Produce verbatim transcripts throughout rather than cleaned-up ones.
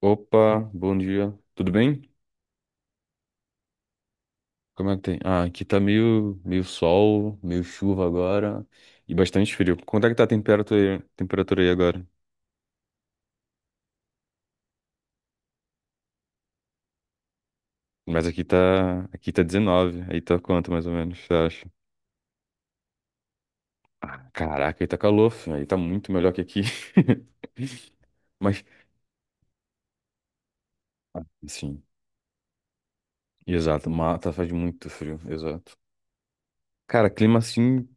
Opa, bom dia. Tudo bem? Como é que tem? Ah, aqui tá meio, meio sol, meio chuva agora e bastante frio. Quanto é que tá a temperatura, aí- temperatura aí agora? Mas aqui tá, aqui tá dezenove. Aí tá quanto mais ou menos, você acha? Ah, caraca, aí tá calor, filho. Aí tá muito melhor que aqui. Mas, sim, exato. Mata faz muito frio, exato. Cara, clima assim,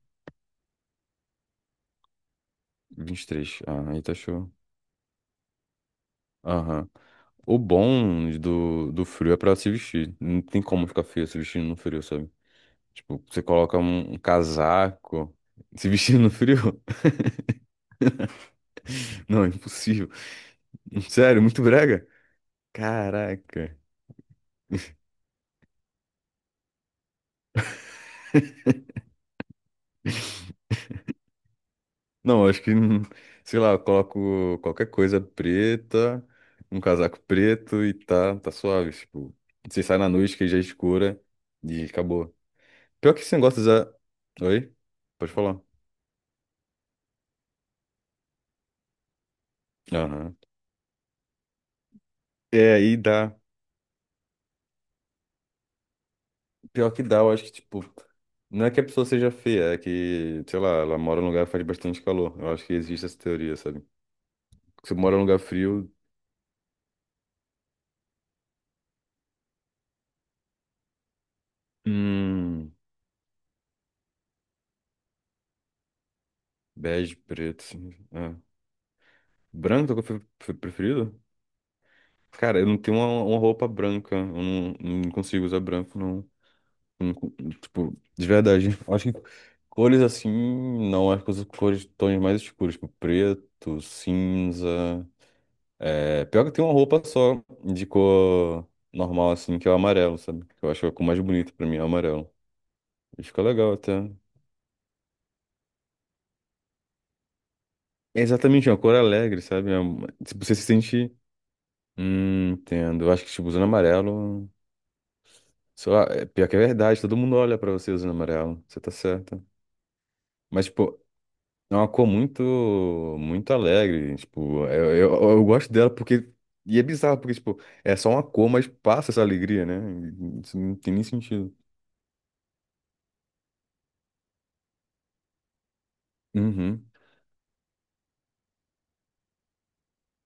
vinte e três. Ah, aí tá show. Aham. O bom do, do frio é pra se vestir. Não tem como ficar feio se vestindo no frio, sabe? Tipo, você coloca um, um casaco se vestindo no frio? Não, é impossível. Sério, muito brega? Caraca. Não, acho que, hum, sei lá, eu coloco qualquer coisa preta, um casaco preto e tá, tá suave. Tipo, você sai na noite que já é escura e acabou. Pior que esse negócio já. Oi? Pode falar. Aham. É, aí dá. Pior que dá, eu acho que, tipo, não é que a pessoa seja feia, é que, sei lá, ela mora num lugar que faz bastante calor. Eu acho que existe essa teoria, sabe? Se mora num lugar frio, hum, bege, preto, assim, é. Branco é o que eu fe- preferido? Cara, eu não tenho uma, uma roupa branca, eu não, não consigo usar branco, não. Não co- Tipo, de verdade. Eu acho que cores assim, não, acho que eu uso cores, tons mais escuros, tipo, preto, cinza. É, pior que tem uma roupa só de cor normal, assim, que é o amarelo, sabe? Que eu acho a cor mais bonita pra mim, é o amarelo. E fica legal até. É exatamente é uma cor alegre, sabe? É uma- tipo, você se sente. Hum, entendo. Eu acho que, tipo, usando amarelo. Sei lá, é pior que é verdade, todo mundo olha pra você usando amarelo. Você tá certa. Mas, tipo, é uma cor muito. Muito alegre. Tipo, eu, eu, eu gosto dela porque. E é bizarro, porque, tipo, é só uma cor, mas passa essa alegria, né? Isso não tem nem sentido. Uhum.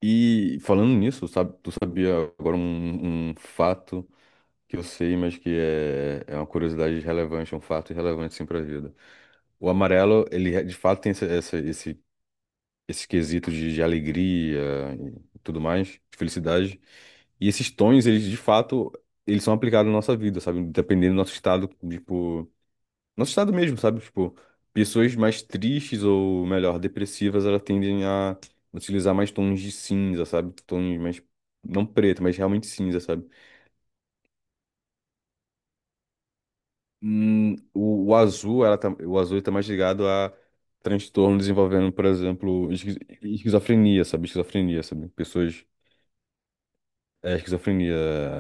E falando nisso, sabe, tu sabia agora um, um fato que eu sei, mas que é, é uma curiosidade relevante, é um fato relevante sim para a vida. O amarelo, ele é- de fato tem esse, essa- esse, esse quesito de, de alegria e tudo mais, de felicidade. E esses tons, eles de fato, eles são aplicados na nossa vida, sabe? Dependendo do nosso estado, tipo. Nosso estado mesmo, sabe? Tipo, pessoas mais tristes ou, melhor, depressivas, elas tendem a utilizar mais tons de cinza, sabe? Tons mais, não preto, mas realmente cinza, sabe? Hum, o, o azul, ela tá, o azul tá mais ligado a transtorno desenvolvendo, por exemplo, esqui- esquizofrenia, sabe? Esquizofrenia, sabe? Pessoas, é, esquizofrenia,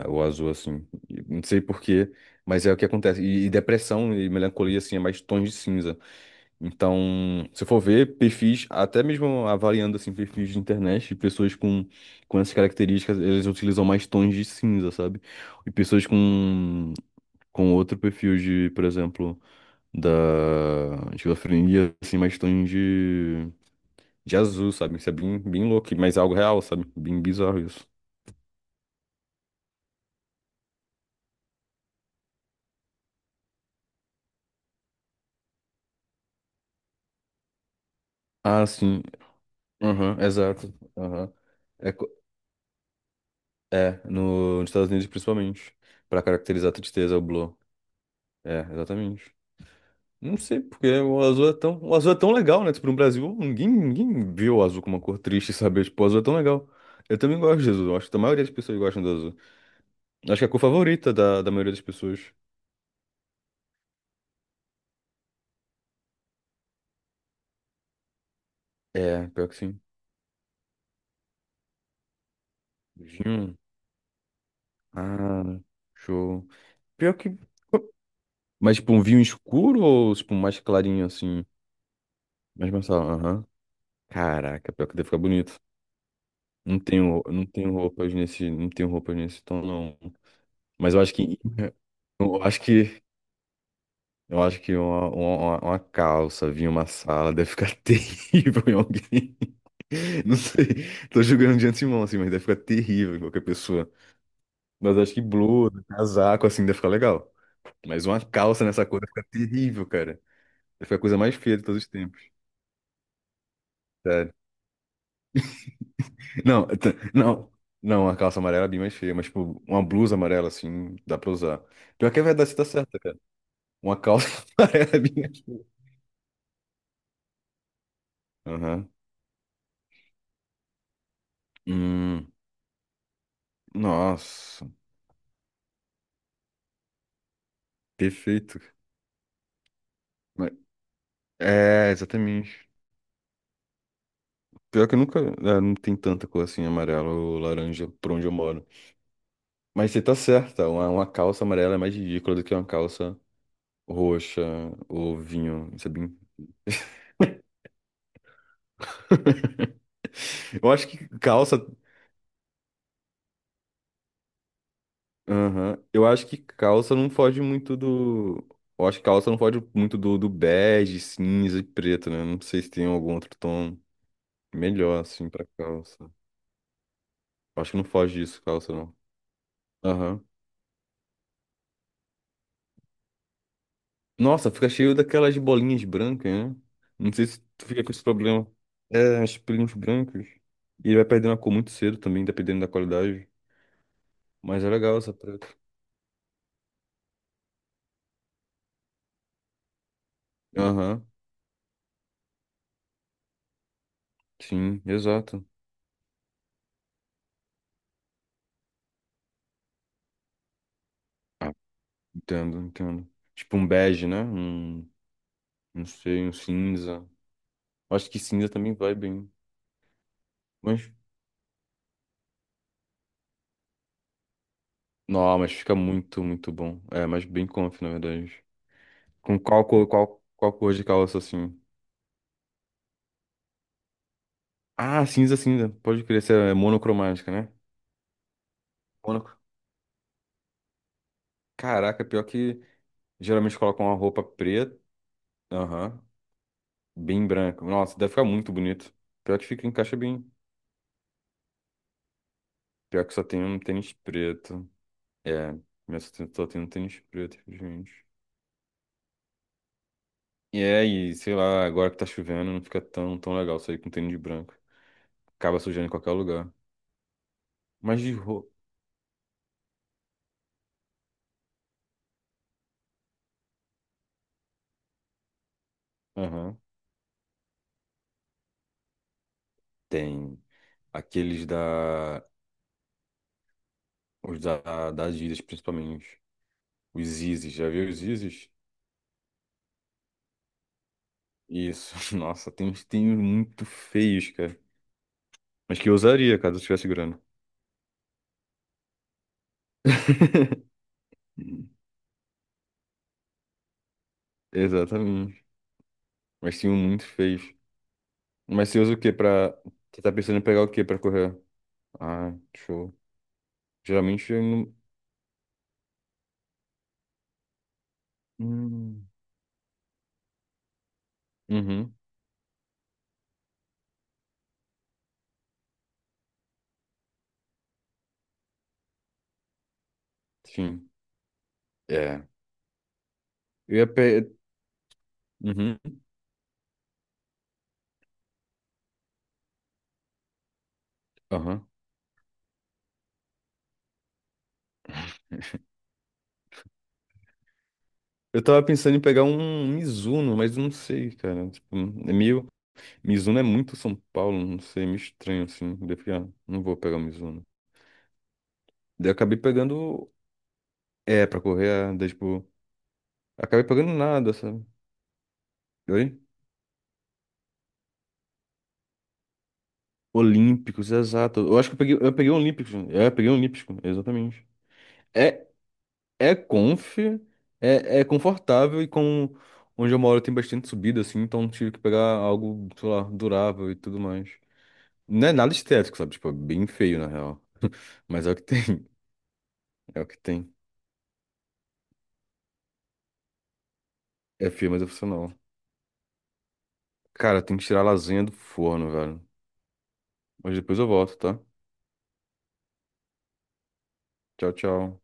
o azul, assim. E não sei por quê, mas é o que acontece. E, e depressão e melancolia, assim, é mais tons de cinza. Então, se eu for ver perfis, até mesmo avaliando assim perfis de internet, de pessoas com, com essas características, eles utilizam mais tons de cinza, sabe? E pessoas com, com, outro perfil de, por exemplo, da esquizofrenia, assim, mais tons de, de azul, sabe? Isso é bem, bem louco, mas é algo real, sabe? Bem bizarro isso. Ah, sim. Aham, exato. Aham. É, co- É no, nos Estados Unidos principalmente, para caracterizar a tristeza, o blur. É, exatamente. Não sei porque o azul é tão, o azul é tão legal, né? Tipo, no Brasil, ninguém, ninguém viu o azul como uma cor triste, sabe? Tipo, o azul é tão legal. Eu também gosto de azul. Acho que a maioria das pessoas gostam do azul. Acho que é a cor favorita da, da maioria das pessoas. É, pior que sim. Vinho. Ah, show. Pior que. Mas, tipo, um vinho escuro ou, tipo, um mais clarinho, assim? Mais mensal, aham. Caraca, pior que deve ficar bonito. Não tenho, não tenho roupas nesse, não tenho roupas nesse tom, não. Mas eu acho que, eu acho que Eu acho que uma, uma, uma calça vir em uma sala deve ficar terrível em alguém. Não sei, tô julgando de antemão, assim, mas deve ficar terrível em qualquer pessoa. Mas acho que blusa, casaco, assim, deve ficar legal. Mas uma calça nessa cor deve ficar terrível, cara. Deve ficar a coisa mais feia de todos os tempos, sério. Não, t- não, não, uma calça amarela é bem mais feia, mas, tipo, uma blusa amarela, assim, dá pra usar. Pior que é verdade, você tá certa, cara. Uma calça amarela é bem mais feia. Aham. Hum, nossa, perfeito. É, exatamente. Pior que eu nunca. É, não tem tanta cor assim, amarela ou laranja, por onde eu moro. Mas você tá certa, uma, uma calça amarela é mais ridícula do que uma calça roxa ou vinho, sabe? Eu acho que calça. Aham. Eu acho que calça não foge muito do. Eu acho que calça não foge muito do, do bege, cinza e preto, né? Não sei se tem algum outro tom melhor, assim, pra calça. Eu acho que não foge disso, calça, não. Aham. Nossa, fica cheio daquelas bolinhas brancas, né? Não sei se tu fica com esse problema. É, as pelinhas brancas. E ele vai perdendo a cor muito cedo também, dependendo da qualidade. Mas é legal essa preta. Aham, sim, exato. Ah, entendo, entendo. Tipo um bege, né? Um, não sei, um cinza. Acho que cinza também vai bem. Mas, não, mas fica muito, muito bom. É, mas bem conf, na verdade. Com qual cor, qual, qual cor de calça, assim? Ah, cinza, cinza. Pode crer, essa é monocromática, né? Caraca, pior que geralmente colocam uma roupa preta, aham, bem branca. Nossa, deve ficar muito bonito. Pior que fica, encaixa bem. Pior que só tem um tênis preto. É, mas só tem só tem um tênis preto, gente. E é, e sei lá, agora que tá chovendo, não fica tão, tão legal sair com tênis branco. Acaba sujando em qualquer lugar. Mas de roupa, aham, tem aqueles da, os da, da Adidas, principalmente. Os Yeezys, já viu os Yeezys? Isso, nossa, tem uns tênis muito feios, cara. Mas que eu usaria caso eu tivesse grana. Exatamente. Mas tinham muito feios. Mas você usa o quê pra. Você tá pensando em pegar o quê pra correr? Ah, show. Geralmente eu não. Hum. Uhum, sim. É. Eu ia pe. Uhum, aham. Eu tava pensando em pegar um Mizuno, mas não sei, cara. Tipo, é meio. Mizuno é muito São Paulo, não sei, é meio estranho assim. Daí eu falei, ah, não vou pegar o Mizuno. Daí eu acabei pegando. É, pra correr, daí, tipo. Acabei pegando nada, sabe? Oi? Olímpicos, exato. Eu acho que eu peguei, eu peguei Olímpicos. É, eu peguei Olímpico, exatamente. É, é conf, é, é confortável e com. Onde eu moro tem bastante subida, assim, então tive que pegar algo, sei lá, durável e tudo mais. Não é nada estético, sabe? Tipo, é bem feio, na real. Mas é o que tem. É o que tem. É feio, mas é funcional. Cara, tem que tirar a lasanha do forno, velho. Mas depois eu volto, tá? Tchau, tchau.